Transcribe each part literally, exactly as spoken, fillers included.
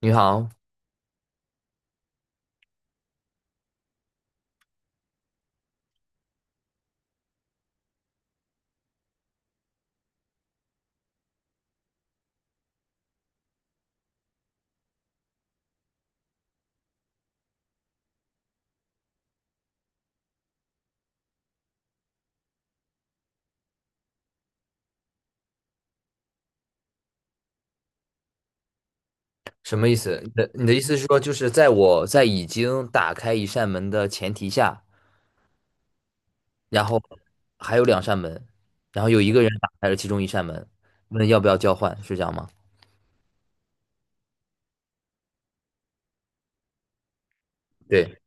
你好，什么意思？你的你的意思是说，就是在我在已经打开一扇门的前提下，然后还有两扇门，然后有一个人打开了其中一扇门，问要不要交换，是这样吗？对，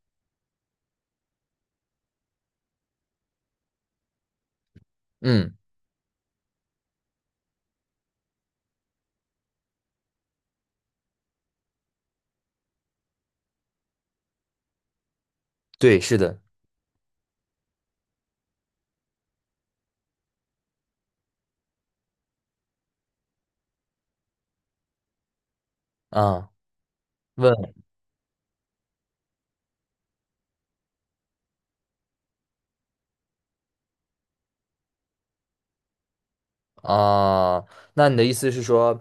嗯，对，是的，啊，问啊，那你的意思是说，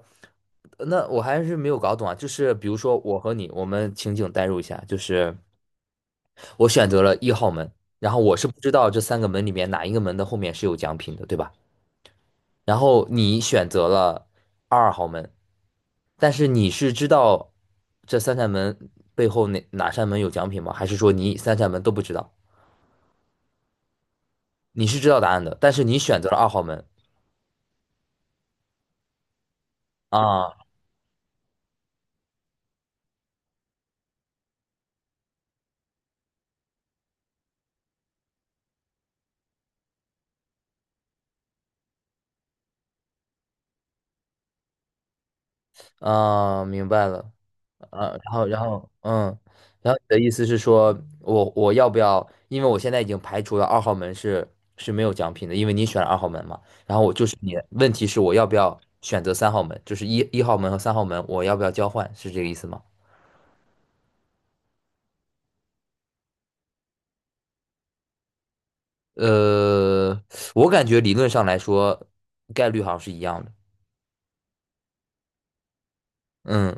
那我还是没有搞懂啊，就是比如说我和你，我们情景代入一下，就是我选择了一号门，然后我是不知道这三个门里面哪一个门的后面是有奖品的，对吧？然后你选择了二号门，但是你是知道这三扇门背后哪哪扇门有奖品吗？还是说你三扇门都不知道？你是知道答案的，但是你选择了二号门啊啊，明白了啊。然后然后嗯，然后你的意思是说我我要不要？因为我现在已经排除了二号门是是没有奖品的，因为你选了二号门嘛。然后我就是你，问题是我要不要选择三号门？就是一一号门和三号门，我要不要交换？是这个意思吗？呃，我感觉理论上来说，概率好像是一样的。嗯，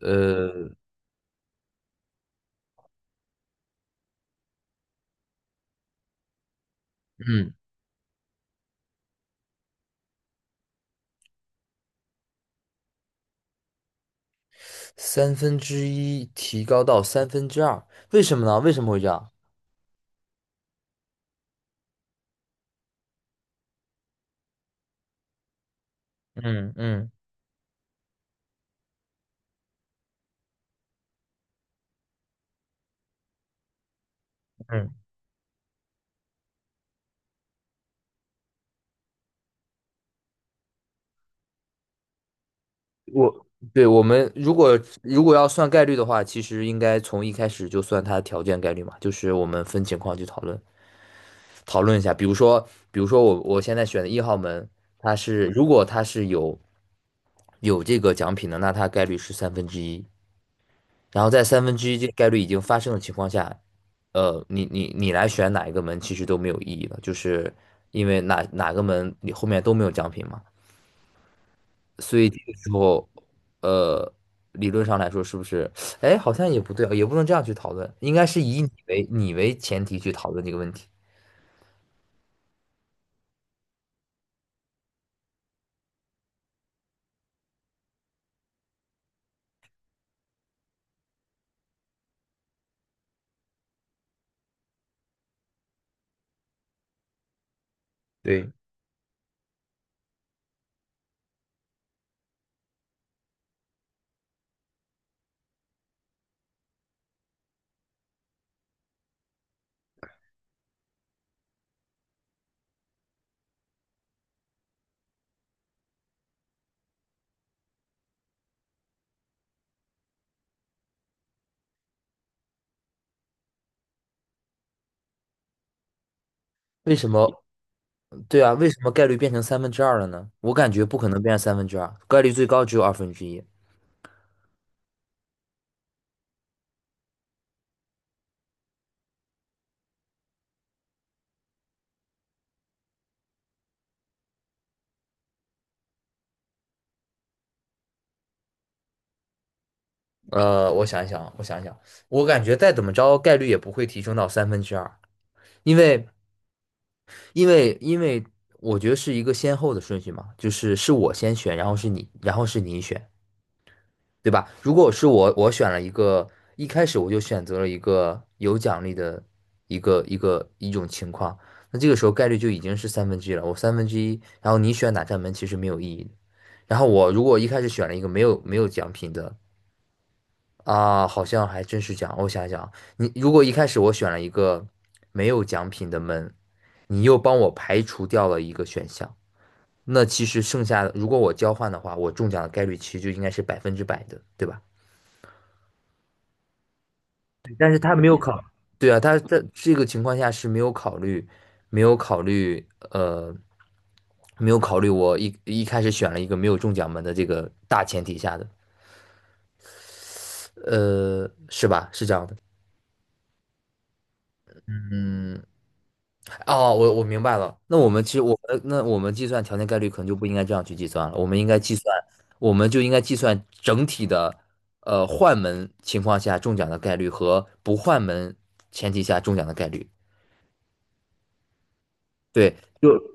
呃，嗯，三分之一提高到三分之二，为什么呢？为什么会这样？嗯嗯嗯。我对我们如果如果要算概率的话，其实应该从一开始就算它的条件概率嘛，就是我们分情况去讨论讨论一下。比如说，比如说我我现在选的一号门，它是如果它是有有这个奖品的，那它概率是三分之一。然后在三分之一这个概率已经发生的情况下，呃，你你你来选哪一个门其实都没有意义了，就是因为哪哪个门你后面都没有奖品嘛。所以这个时候，呃，理论上来说，是不是？哎，好像也不对啊，也不能这样去讨论，应该是以你为你为前提去讨论这个问题。对，为什么？对啊，为什么概率变成三分之二了呢？我感觉不可能变成三分之二，概率最高只有二分之一。呃，我想一想啊，我想一想，我感觉再怎么着，概率也不会提升到三分之二，因为因为因为我觉得是一个先后的顺序嘛，就是是我先选，然后是你，然后是你选。对吧？如果是我，我选了一个，一开始我就选择了一个有奖励的一个一个一种情况，那这个时候概率就已经是三分之一了。我三分之一，然后你选哪扇门其实没有意义的然后我如果一开始选了一个没有没有奖品的啊，好像还真是奖。我想想，你如果一开始我选了一个没有奖品的门，你又帮我排除掉了一个选项，那其实剩下的如果我交换的话，我中奖的概率其实就应该是百分之百的，对吧？但是他没有考，对啊，他在这个情况下是没有考虑，没有考虑，呃，没有考虑我一一开始选了一个没有中奖门的这个大前提下的，呃，是吧？是这样的，嗯，哦，我我明白了。那我们其实我们那我们计算条件概率可能就不应该这样去计算了，我们应该计算，我们就应该计算整体的，呃，换门情况下中奖的概率和不换门前提下中奖的概率。对，就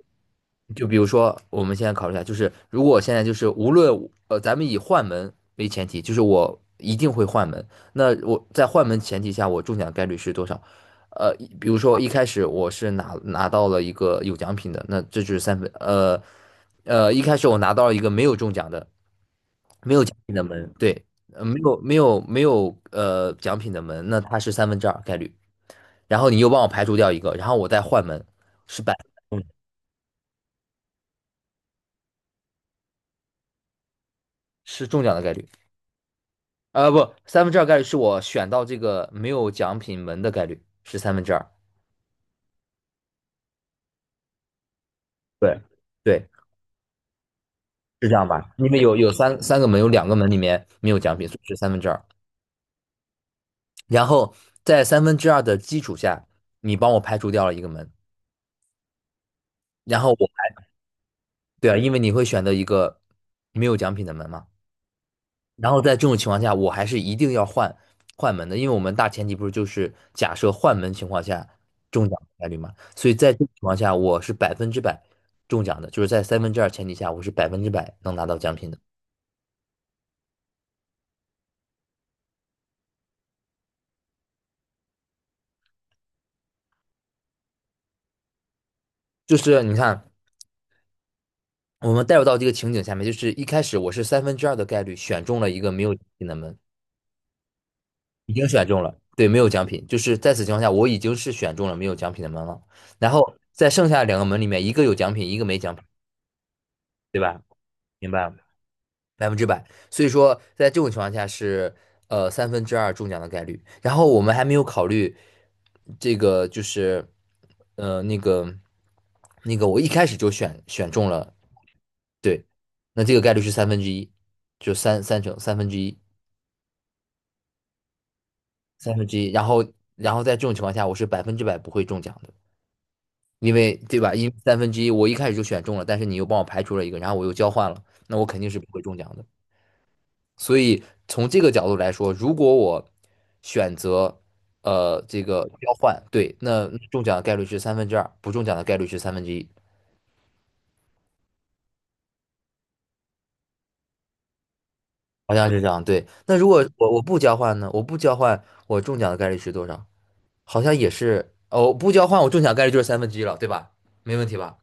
就比如说，我们现在考虑一下，就是如果我现在就是无论呃，咱们以换门为前提，就是我一定会换门。那我在换门前提下，我中奖概率是多少？呃，比如说一开始我是拿拿到了一个有奖品的，那这就是三分。呃呃，一开始我拿到了一个没有中奖的的门，对，呃没有没有没有呃奖品的门，那它是三分之二概率。然后你又帮我排除掉一个，然后我再换门，是百嗯是中奖的概率。呃，不，三分之二概率是我选到这个没有奖品门的概率是三分之二。对，对，是这样吧？因为有有三三个门，有两个门里面没有奖品，所以是三分之二。然后在三分之二的基础下，你帮我排除掉了一个门，然后我，对啊，因为你会选择一个没有奖品的门嘛。然后在这种情况下，我还是一定要换换门的，因为我们大前提不是就是假设换门情况下中奖的概率嘛，所以在这种情况下，我是百分之百中奖的，就是在三分之二前提下，我是百分之百能拿到奖品的。就是你看，我们带入到这个情景下面，就是一开始我是三分之二的概率选中了一个没有奖品的门，已经选中了，对，没有奖品，就是在此情况下，我已经是选中了没有奖品的门了。然后在剩下两个门里面，一个有奖品，一个没奖品，对吧？明白吗？百分之百。所以说，在这种情况下是呃三分之二中奖的概率。然后我们还没有考虑这个，就是呃那个那个，我一开始就选选中了，对，那这个概率是三分之一，就三三成三分之一，三分之一。然后然后在这种情况下，我是百分之百不会中奖的，因为对吧？因为三分之一我一开始就选中了，但是你又帮我排除了一个，然后我又交换了，那我肯定是不会中奖的。所以从这个角度来说，如果我选择呃这个交换，对，那那中奖的概率是三分之二，不中奖的概率是三分之一，好像是这样。对，那如果我我不交换呢？我不交换，我中奖的概率是多少？好像也是，哦，不交换我中奖概率就是三分之一了，对吧？没问题吧？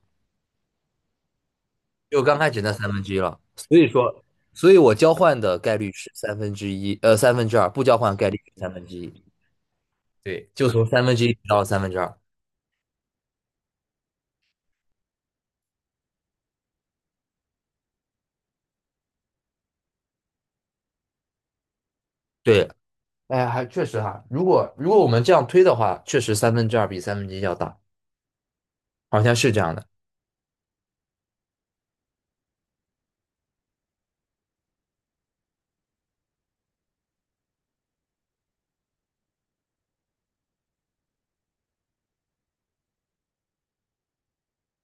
就刚开始那三分之一了。所以说，所以我交换的概率是三分之一，呃，三分之二，不交换概率是三分之一。对，就从三分之一到三分之二。对，哎，还确实哈，如果如果我们这样推的话，确实三分之二比三分之一要大，好像是这样的。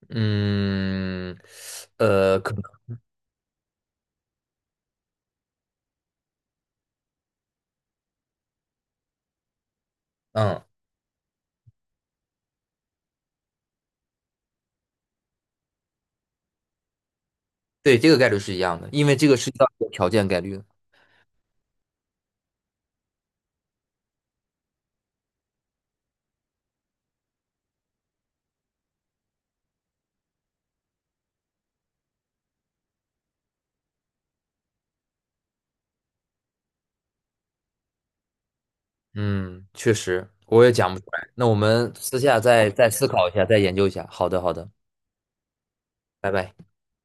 嗯，呃，可能，嗯，对，这个概率是一样的，因为这个是一个条件概率嗯，确实，我也讲不出来。那我们私下再再思考一下，再研究一下。好的，好的，拜拜。